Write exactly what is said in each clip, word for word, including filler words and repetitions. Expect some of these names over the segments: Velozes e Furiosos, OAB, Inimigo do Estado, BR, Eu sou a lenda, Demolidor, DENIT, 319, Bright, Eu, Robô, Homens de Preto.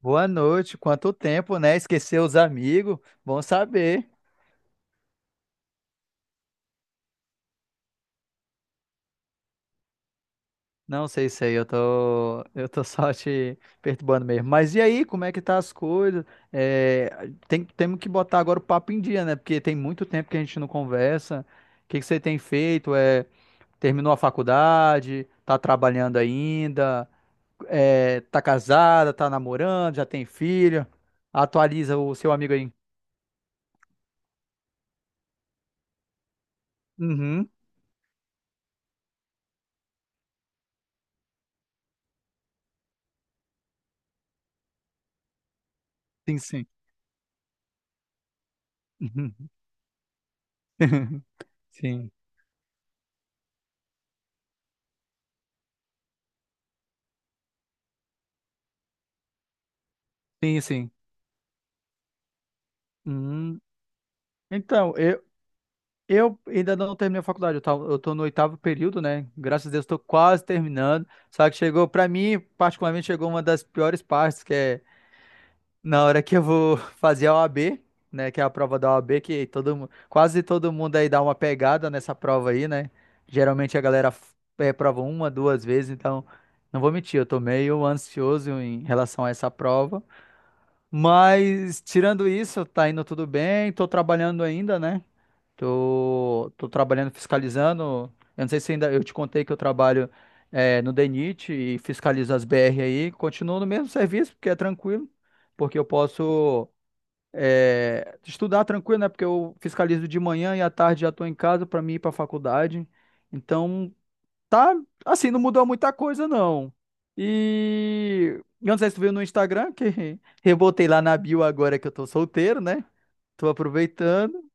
Boa noite, quanto tempo, né? Esqueceu os amigos? Bom saber. Não sei se aí eu tô, eu tô só te perturbando mesmo. Mas e aí, como é que tá as coisas? É, tem, temos que botar agora o papo em dia, né? Porque tem muito tempo que a gente não conversa. O que que você tem feito? É, terminou a faculdade? Tá trabalhando ainda? É, tá casada? Tá namorando? Já tem filho? Atualiza o seu amigo aí. Uhum, sim, sim. Sim, sim, sim. Hum, então, eu, eu ainda não terminei a faculdade, eu, tava, eu tô no oitavo período, né? Graças a Deus, tô quase terminando. Só que chegou, pra mim, particularmente, chegou uma das piores partes, que é na hora que eu vou fazer a O A B, né? Que é a prova da O A B, que todo, mu- quase todo mundo aí dá uma pegada nessa prova aí, né? Geralmente a galera f- é, prova uma, duas vezes, então, não vou mentir, eu tô meio ansioso em relação a essa prova. Mas, tirando isso, tá indo tudo bem, tô trabalhando ainda, né? Tô, tô trabalhando fiscalizando. Eu não sei se ainda eu te contei que eu trabalho é, no DENIT e fiscalizo as B R aí. Continuo no mesmo serviço, porque é tranquilo, porque eu posso é, estudar tranquilo, né? Porque eu fiscalizo de manhã e à tarde já tô em casa para mim ir para a faculdade. Então, tá assim, não mudou muita coisa, não. E eu não sei se tu viu no Instagram, que rebotei lá na bio agora que eu tô solteiro, né? Tô aproveitando,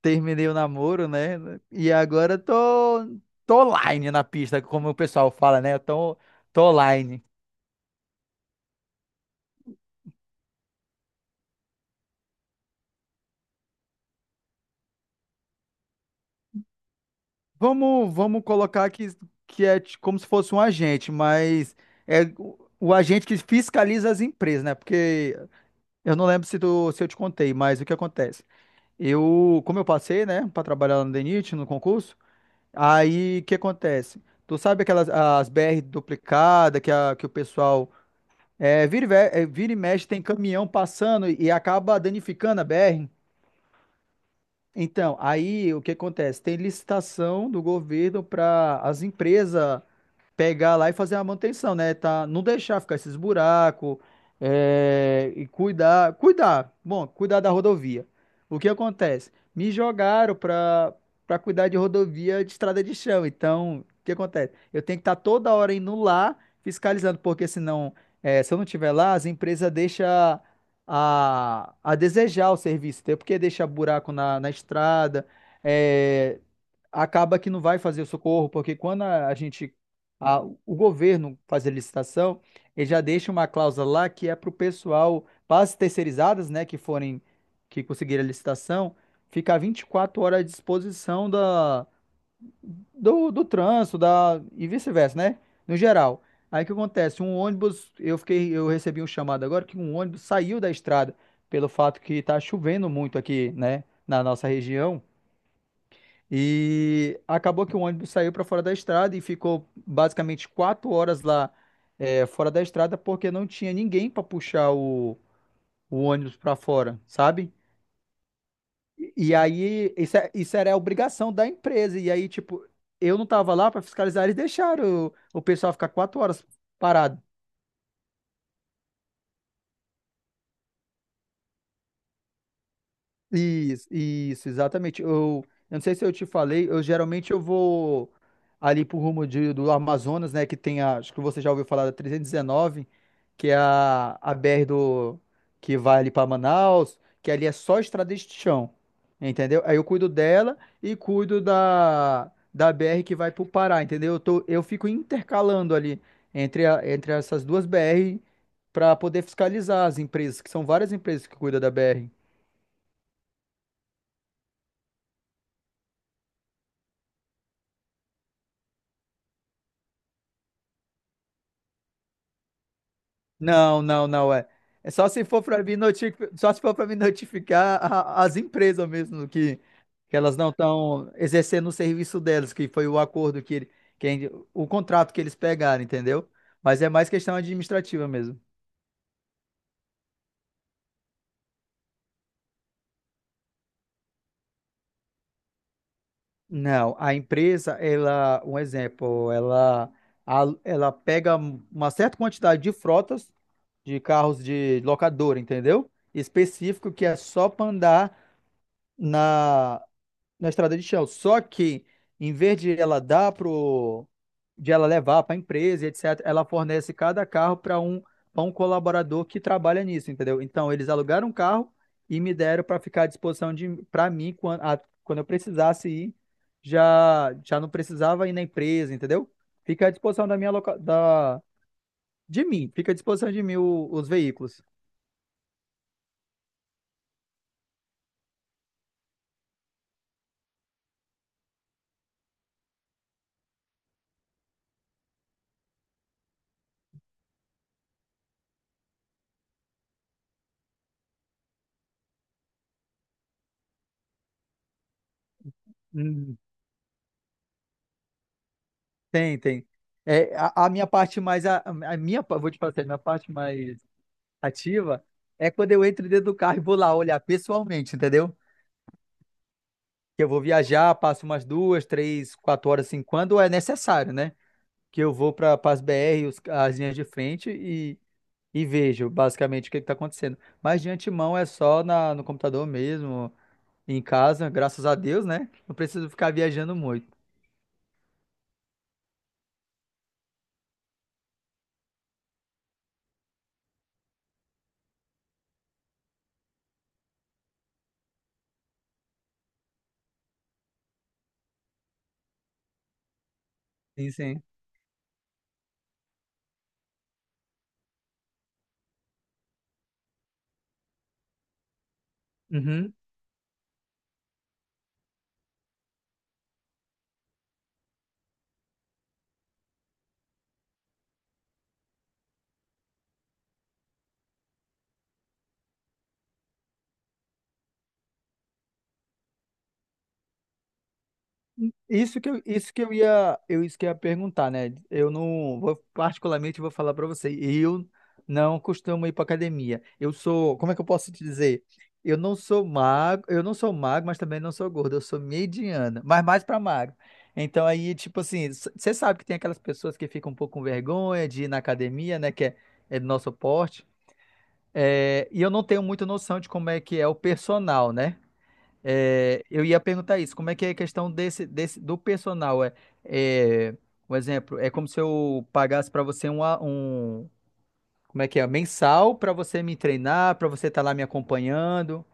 terminei o namoro, né? E agora tô, tô online na pista, como o pessoal fala, né? Tô, tô online. Vamos, vamos colocar que, que é ti- como se fosse um agente, mas é o, o agente que fiscaliza as empresas, né? Porque eu não lembro se, tu, se eu te contei, mas o que acontece? Eu, como eu passei, né, para trabalhar lá no DENIT, no concurso, aí o que acontece? Tu sabe aquelas as B R duplicada que, a, que o pessoal É, vira, e ve- é, vira e mexe, tem caminhão passando e acaba danificando a B R. Então, aí o que acontece? Tem licitação do governo para as empresas pegar lá e fazer a manutenção, né? Tá, não deixar ficar esses buracos, é, e cuidar, cuidar, bom, cuidar da rodovia. O que acontece? Me jogaram para para cuidar de rodovia de estrada de chão. Então, o que acontece? Eu tenho que estar toda hora indo lá fiscalizando, porque senão, é, se eu não estiver lá, as empresas deixam a, a desejar o serviço, entendeu? Porque deixa buraco na, na estrada, é, acaba que não vai fazer o socorro, porque quando a, a gente, a- o governo faz a licitação, ele já deixa uma cláusula lá que é para o pessoal, para as terceirizadas, né, que forem, que conseguirem a licitação, ficar vinte e quatro horas à disposição da, do, do trânsito, da, e vice-versa, né, no geral. Aí o que acontece? Um ônibus, eu fiquei, eu recebi um chamado agora que um ônibus saiu da estrada pelo fato que está chovendo muito aqui, né, na nossa região. E acabou que o ônibus saiu para fora da estrada e ficou basicamente quatro horas lá, é, fora da estrada porque não tinha ninguém para puxar o, o ônibus para fora, sabe? E, e aí isso, é- isso era a obrigação da empresa. E aí, tipo, eu não tava lá para fiscalizar, eles deixaram o, o pessoal ficar quatro horas parado. Isso, isso, exatamente. Eu, eu não sei se eu te falei, eu geralmente eu vou ali pro rumo de- do Amazonas, né, que tem a, acho que você já ouviu falar da trezentos e dezenove, que é a, a B R do, que vai ali para Manaus, que ali é só estrada de chão, entendeu? Aí eu cuido dela e cuido da, da B R que vai pro Pará, entendeu? Eu tô, eu fico intercalando ali entre, a- entre essas duas B R para poder fiscalizar as empresas, que são várias empresas que cuidam da B R. Não, não, não é. É só se for para me notificar, só se for para me notificar a- as empresas mesmo que, que elas não estão exercendo o serviço delas, que foi o acordo que, ele- que ele- o contrato que eles pegaram, entendeu? Mas é mais questão administrativa mesmo. Não, a empresa, ela, um exemplo, ela, a- ela pega uma certa quantidade de frotas de carros de locadora, entendeu? Específico que é só para andar na na estrada de chão. Só que, em vez de ela dar pro, de ela levar para a empresa, etcétera, ela fornece cada carro para um, para um colaborador que trabalha nisso, entendeu? Então, eles alugaram um carro e me deram para ficar à disposição de para mim quando, a- quando eu precisasse ir, já já não precisava ir na empresa, entendeu? Fica à disposição da minha loca, da de mim, fica à disposição de mim o- os veículos. Hum. Tem, tem. É, a, a minha parte mais a, a minha, pa- vou te passar, a minha parte mais ativa é quando eu entro dentro do carro e vou lá olhar pessoalmente, entendeu? Que eu vou viajar, passo umas duas, três, quatro horas assim, quando é necessário, né? Que eu vou para as B R, os- as linhas de frente e, e vejo basicamente o que está acontecendo. Mas de antemão é só na, no computador mesmo, em casa, graças a Deus, né? Não preciso ficar viajando muito. Sim, sim. Uhum. Isso que eu, isso que eu ia, eu isso que eu ia perguntar, né? Eu não vou, particularmente vou falar para você, eu não costumo ir para academia. Eu sou, como é que eu posso te dizer? Eu não sou magro, eu não sou magro, mas também não sou gordo, eu sou mediana, mas mais para magro. Então aí, tipo assim, você sabe que tem aquelas pessoas que ficam um pouco com vergonha de ir na academia, né, que é, é do nosso porte. É, e eu não tenho muita noção de como é que é o personal, né? É, eu ia perguntar isso, como é que é a questão desse, desse do personal? É, é, Um exemplo, é como se eu pagasse para você um, a- um, como é que é, mensal para você me treinar, para você estar lá me acompanhando.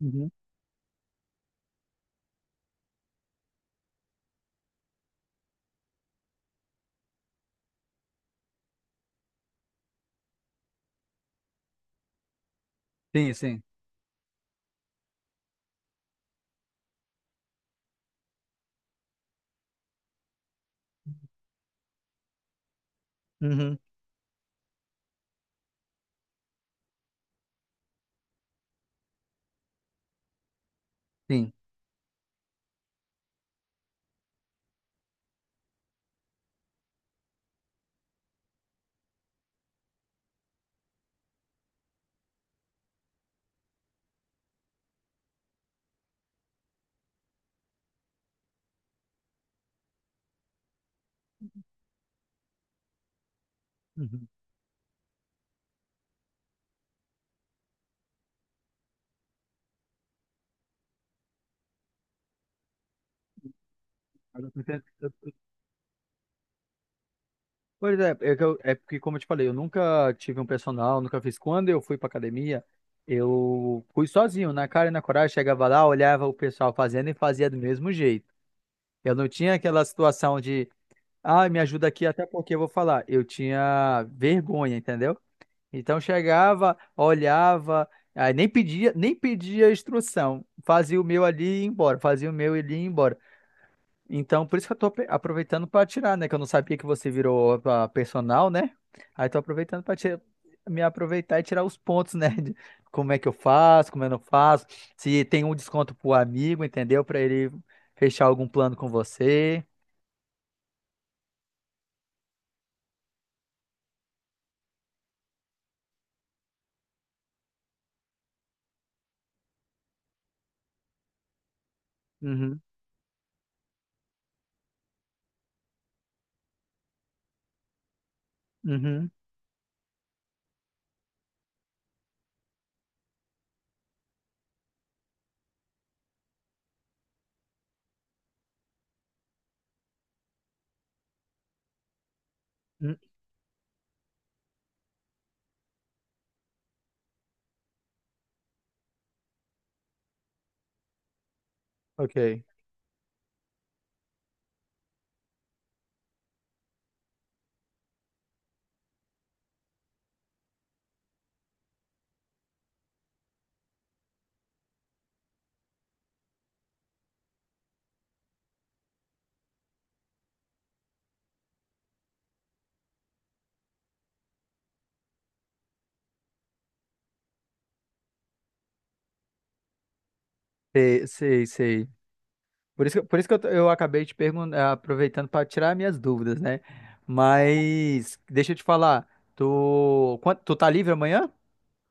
Uhum. Sim, sim. Uhum, sim. Uhum. Agora eu tô entendendo. Eu- eu- Pois é, é, que eu- é porque, como eu te falei, eu nunca tive um personal, nunca fiz. Quando eu fui pra academia, eu fui sozinho, na cara e na coragem, chegava lá, olhava o pessoal fazendo e fazia do mesmo jeito. Eu não tinha aquela situação. Ah, me ajuda aqui, até porque eu vou falar. Eu tinha vergonha, entendeu? Então chegava, olhava, aí nem pedia, nem pedia instrução. Fazia o meu ali e ia embora, fazia o meu ali e ia embora. Então, por isso que eu tô ape- aproveitando para tirar, né? Que eu não sabia que você virou ah, personal, né? Aí tô aproveitando para me aproveitar e tirar os pontos, né? De como é que eu faço, como eu não faço, se tem um desconto pro amigo, entendeu? Para ele fechar algum plano com você. Uhum, uhum. hum, Ok. Sei, sei, sei. Por isso que, por isso que eu, t- eu acabei te perguntando, aproveitando para tirar minhas dúvidas, né? Mas deixa eu te falar, tu, quan- tu tá livre amanhã?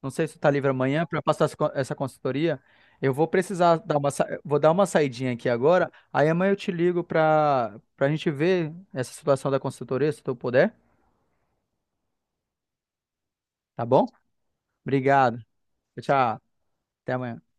Não sei se tu tá livre amanhã para passar essa con- essa consultoria. Eu vou precisar dar uma, sa- vou dar uma saidinha aqui agora. Aí amanhã eu te ligo para para gente ver essa situação da consultoria, se tu puder, tá bom? Obrigado. Tchau, tchau. Até amanhã.